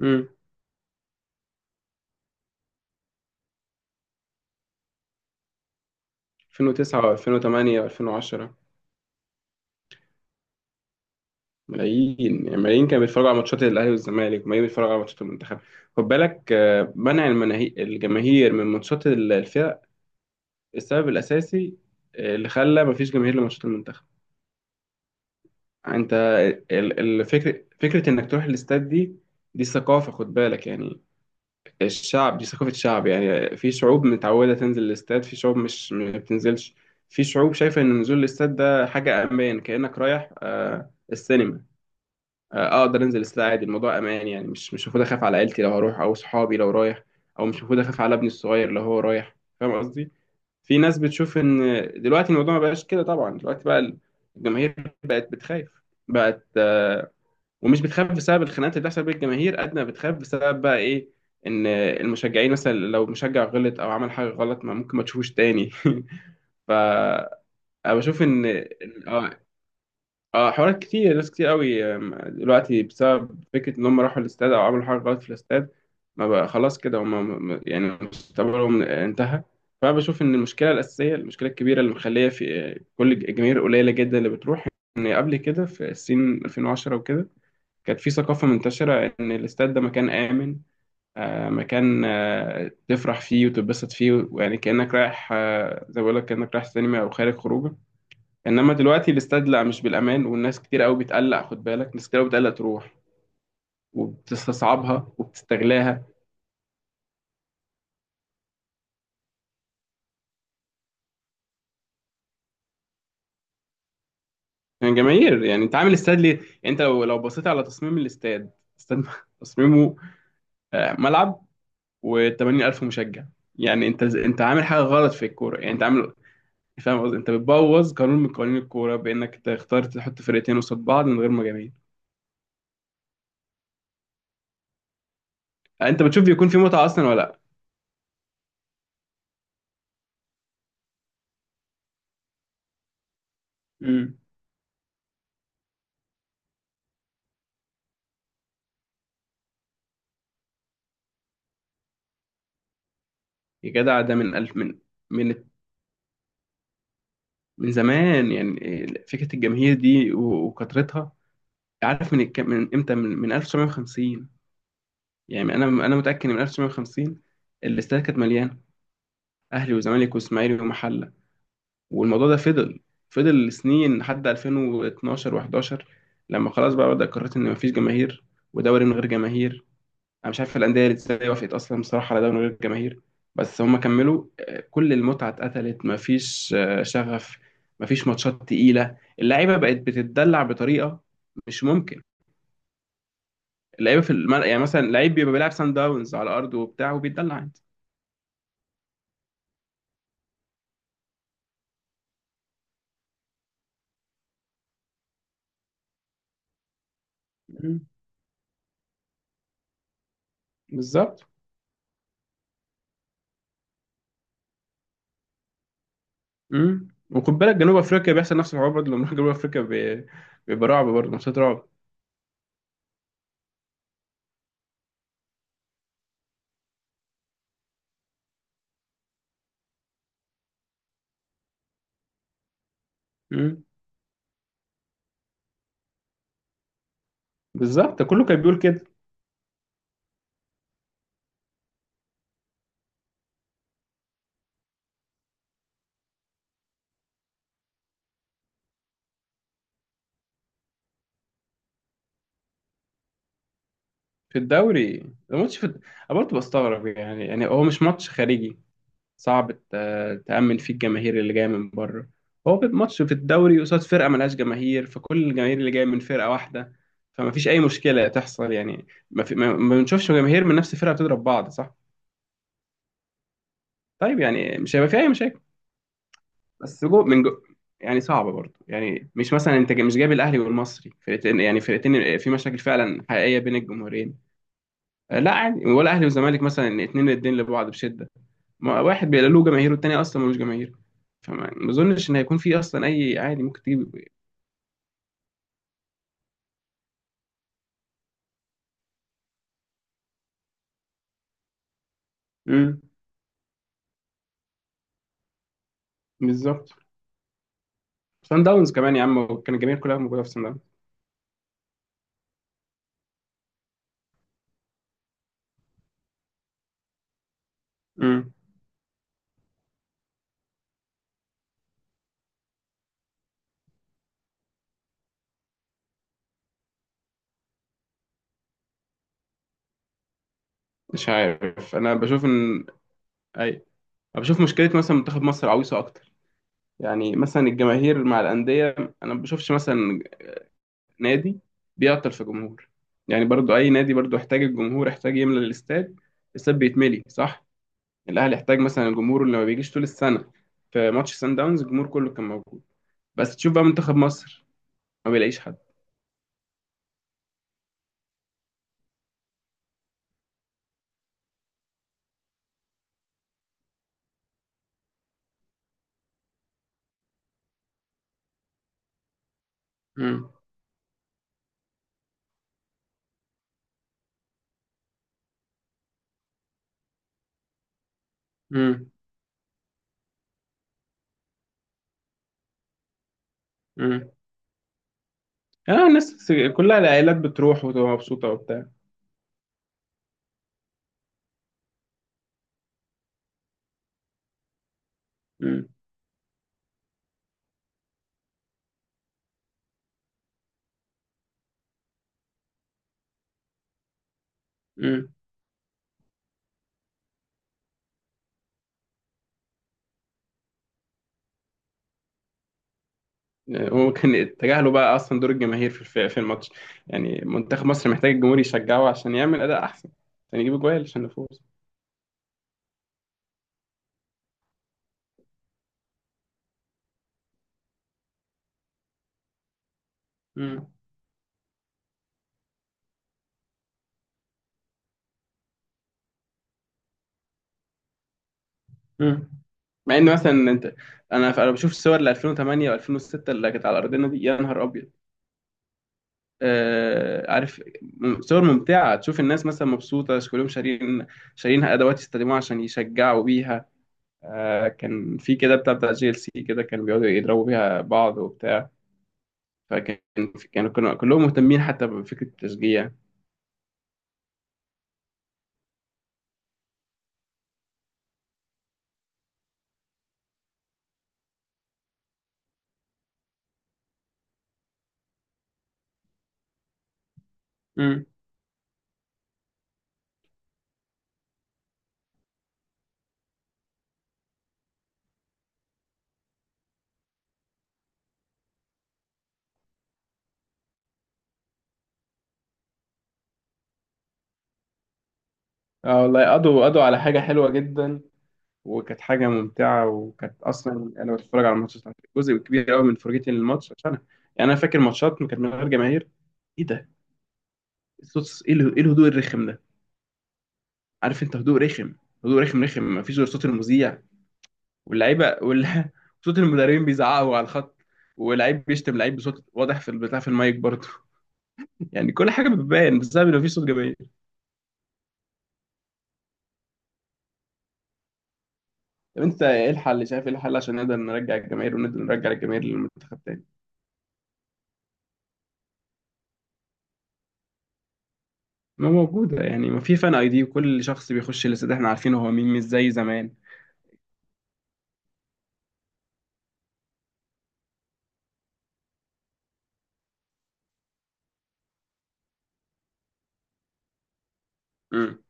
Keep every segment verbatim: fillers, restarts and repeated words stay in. امم ألفين وتسعة ألفين وتمانية ألفين وعشرة. ملايين يعني ملايين كانوا بيتفرجوا على ماتشات الاهلي والزمالك، وملايين بيتفرجوا على ماتشات المنتخب. خد بالك، آه، منع المناهي... الجماهير من ماتشات ال- الفرق السبب الاساسي، آه، اللي خلى مفيش جماهير لماتشات المنتخب. انت ال- الفكر فكره انك تروح الاستاد دي، دي ثقافه، خد بالك يعني. الشعب دي ثقافه شعب، يعني في شعوب متعوده تنزل الاستاد، في شعوب مش ما بتنزلش. في شعوب شايفه ان نزول الاستاد ده حاجه امان، كانك رايح آه، السينما. آه، اقدر انزل الساعة عادي، الموضوع امان. يعني مش مش المفروض اخاف على عيلتي لو هروح او صحابي لو رايح، او مش المفروض اخاف على ابني الصغير لو هو رايح. فاهم قصدي؟ في ناس بتشوف ان دلوقتي الموضوع ما بقاش كده، طبعا دلوقتي بقى الجماهير بقت بتخاف. بقت آه، ومش بتخاف بسبب الخناقات اللي بتحصل بين الجماهير قد ما بتخاف بسبب بقى ايه؟ ان المشجعين مثلا لو مشجع غلط او عمل حاجة غلط، ما ممكن ما تشوفوش تاني. ف انا بشوف ان اه اه حوارات كتير، ناس كتير قوي آم، دلوقتي بسبب فكرة إن هم راحوا الاستاد أو عملوا حاجة غلط في الاستاد ما بقى خلاص كده. هم م- يعني مستقبلهم انتهى. فأنا بشوف إن المشكلة الأساسية، المشكلة الكبيرة اللي مخلية في آه، كل الجماهير قليلة جدا اللي بتروح، إن قبل كده في السين ألفين وعشرة وكده كانت في ثقافة منتشرة إن الاستاد ده مكان آمن. آه، مكان آه، تفرح فيه وتتبسط فيه، ويعني كأنك رايح، آه، زي ما بقول لك، كأنك رايح سينما أو خارج خروجه. انما دلوقتي الاستاد لا، مش بالامان، والناس كتير قوي بتقلق. خد بالك، ناس كتير قوي بتقلق تروح وبتستصعبها وبتستغلاها. يعني جماهير، يعني انت عامل استاد ليه؟ يعني انت لو لو بصيت على تصميم الاستاد، استاد تصميمه آه، ملعب و80000 مشجع. يعني انت انت عامل حاجه غلط في الكوره، يعني انت عامل، فاهم قصدي؟ انت بتبوظ قانون من قوانين الكوره بانك تختار تحط فرقتين قصاد بعض من غير ما جماهير. انت بتشوف بيكون في متعه اصلا ولا لا؟ امم. يا جدع، ده من ألف، من من من زمان، يعني فكرة الجماهير دي و- وكثرتها. عارف من الك- من امتى؟ من من ألف وتسعمية وخمسين. يعني انا انا متأكد ان من ألف وتسعمية وخمسين الاستاد كانت مليانة، اهلي وزمالك واسماعيلي ومحلة. والموضوع ده فضل، فضل سنين لحد ألفين واتناشر و11، لما خلاص بقى بدأ قررت ان مفيش جماهير، ودوري من غير جماهير. انا مش عارف الانديه اللي ازاي وافقت اصلا بصراحه على ده من غير جماهير، بس هم كملوا. آه، كل المتعه اتقتلت، مفيش آه، شغف، مفيش ماتشات تقيله، اللعيبه بقت بتتدلع بطريقه مش ممكن. اللعيبه في الم... يعني مثلا لعيب بيبقى بيلعب سان داونز على ارضه وبتاع وبيتدلع عادي. مم. بالظبط. امم. وخد بالك جنوب افريقيا بيحصل نفس الحوار برضه، لما جنوب افريقيا بي- بيبقى رعب برضه، ماتشات رعب. امم. بالظبط، ده كله كان بيقول كده. في الدوري، الماتش في الد- انا برضه بستغرب، يعني يعني هو مش ماتش خارجي صعب ت- تأمن فيه الجماهير اللي جاية من بره. هو بيبقى ماتش في الدوري قصاد فرقة ملهاش جماهير، فكل الجماهير اللي جاية من فرقة واحدة، فما فيش أي مشكلة تحصل. يعني ما, في ما ما بنشوفش جماهير من نفس الفرقة بتضرب بعض، صح؟ طيب، يعني مش هيبقى في أي مشاكل، بس جو من جو. يعني صعبة برضه، يعني مش مثلا أنت مش جايب الأهلي والمصري فرقتين، يعني فرقتين في مشاكل فعلا حقيقية بين الجمهورين، آه، لا عادي، ولا اهلي وزمالك مثلا إن اتنين الدين لبعض بشده. ما واحد بيبقى له جماهير والتاني اصلا ملوش جماهير، فما ما اظنش ان هيكون في اصلا اي عادي ممكن تجيب. امم. بالظبط. سان داونز كمان يا عم، كان الجماهير كلها موجوده في سان داونز. امم. مش عارف، انا بشوف ان اي. أنا بشوف مشكله مثلا منتخب مصر عويصه اكتر. يعني مثلا الجماهير مع الانديه، انا ما بشوفش مثلا نادي بيعطل في جمهور. يعني برضو اي نادي برضو احتاج الجمهور، احتاج يملى الاستاد، الاستاد بيتملي صح. الاهلي احتاج مثلا الجمهور اللي ما بيجيش طول السنه. في ماتش سان داونز الجمهور كله كان موجود، بس تشوف بقى منتخب مصر ما بيلاقيش حد. امم. امم. امم. اه، الناس كلها العائلات بتروح وتبقى مبسوطه وبتاع. امم. امم. وكان تجاهلوا بقى اصلا دور الجماهير في الف- في الماتش. يعني منتخب مصر محتاج الجمهور يشجعه عشان يعمل اداء احسن، عشان يجيب جوال، عشان نفوز. امم. امم. مع ان مثلا انت، انا انا بشوف الصور ل ألفين وتمانية و2006 اللي كانت على ارضنا دي، يا نهار ابيض. آه، عارف م- صور ممتعة، تشوف الناس مثلا مبسوطة، كلهم شارين، شارين أدوات يستخدموها عشان يشجعوا بيها. آه، كان في كده بتاع بتاع جي ال سي كده، كانوا بيقعدوا يضربوا بيها بعض وبتاع. فكان، كانوا كانوا كلهم مهتمين حتى بفكرة التشجيع. امم. اه والله، قضوا قضوا على حاجة حلوة جدا، وكانت حاجة ممتعة. وكانت أصلا أنا بتفرج على الماتش، جزء كبير قوي من فرجتي للماتش عشان أنا، يعني أنا فاكر ماتشات كانت من غير جماهير. إيه ده؟ الصوت إيه، ال- إيه الهدوء الرخم ده؟ عارف انت، هدوء رخم. هدوء رخم رخم، مفيش غير صوت المذيع واللعيبه وال... صوت المدربين بيزعقوا على الخط، ولعيب بيشتم لعيب بصوت واضح في البتاع في المايك برضه. يعني كل حاجه بتبان بسبب ان مفيش صوت جماهير. طب انت ايه الحل؟ شايف ايه الحل عشان نقدر نرجع الجماهير، ونقدر نرجع الجماهير للمنتخب تاني؟ ما موجوده، يعني ما في فان اي دي، وكل شخص بيخش الاستاد احنا عارفين هو مين، مش زي زمان. امم.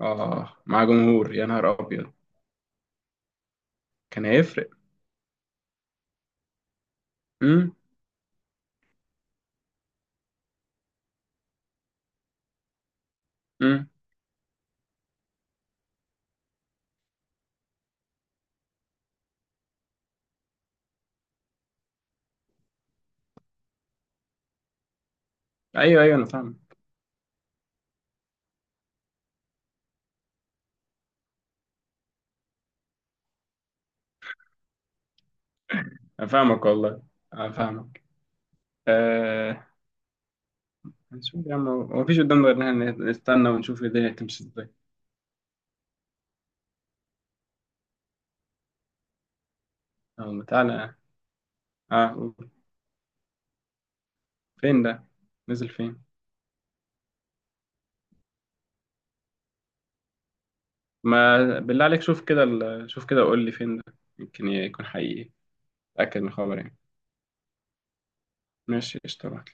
اه، مع جمهور، يا نهار ابيض. كان هيفرق. امم. امم. ايوه ايوه انا فاهمك. انا فاهمك والله. انا فاهمك. آه. هنشوف يا عم، هو مفيش قدامنا غير إن إحنا نستنى ونشوف الدنيا هتمشي إزاي. يلا تعالى. آه، قول. فين ده؟ نزل فين؟ ما بالله عليك، شوف كده ال... شوف كده قول لي، فين ده؟ يمكن يكون حقيقي. أتأكد من الخبر يعني. ماشي قشطة.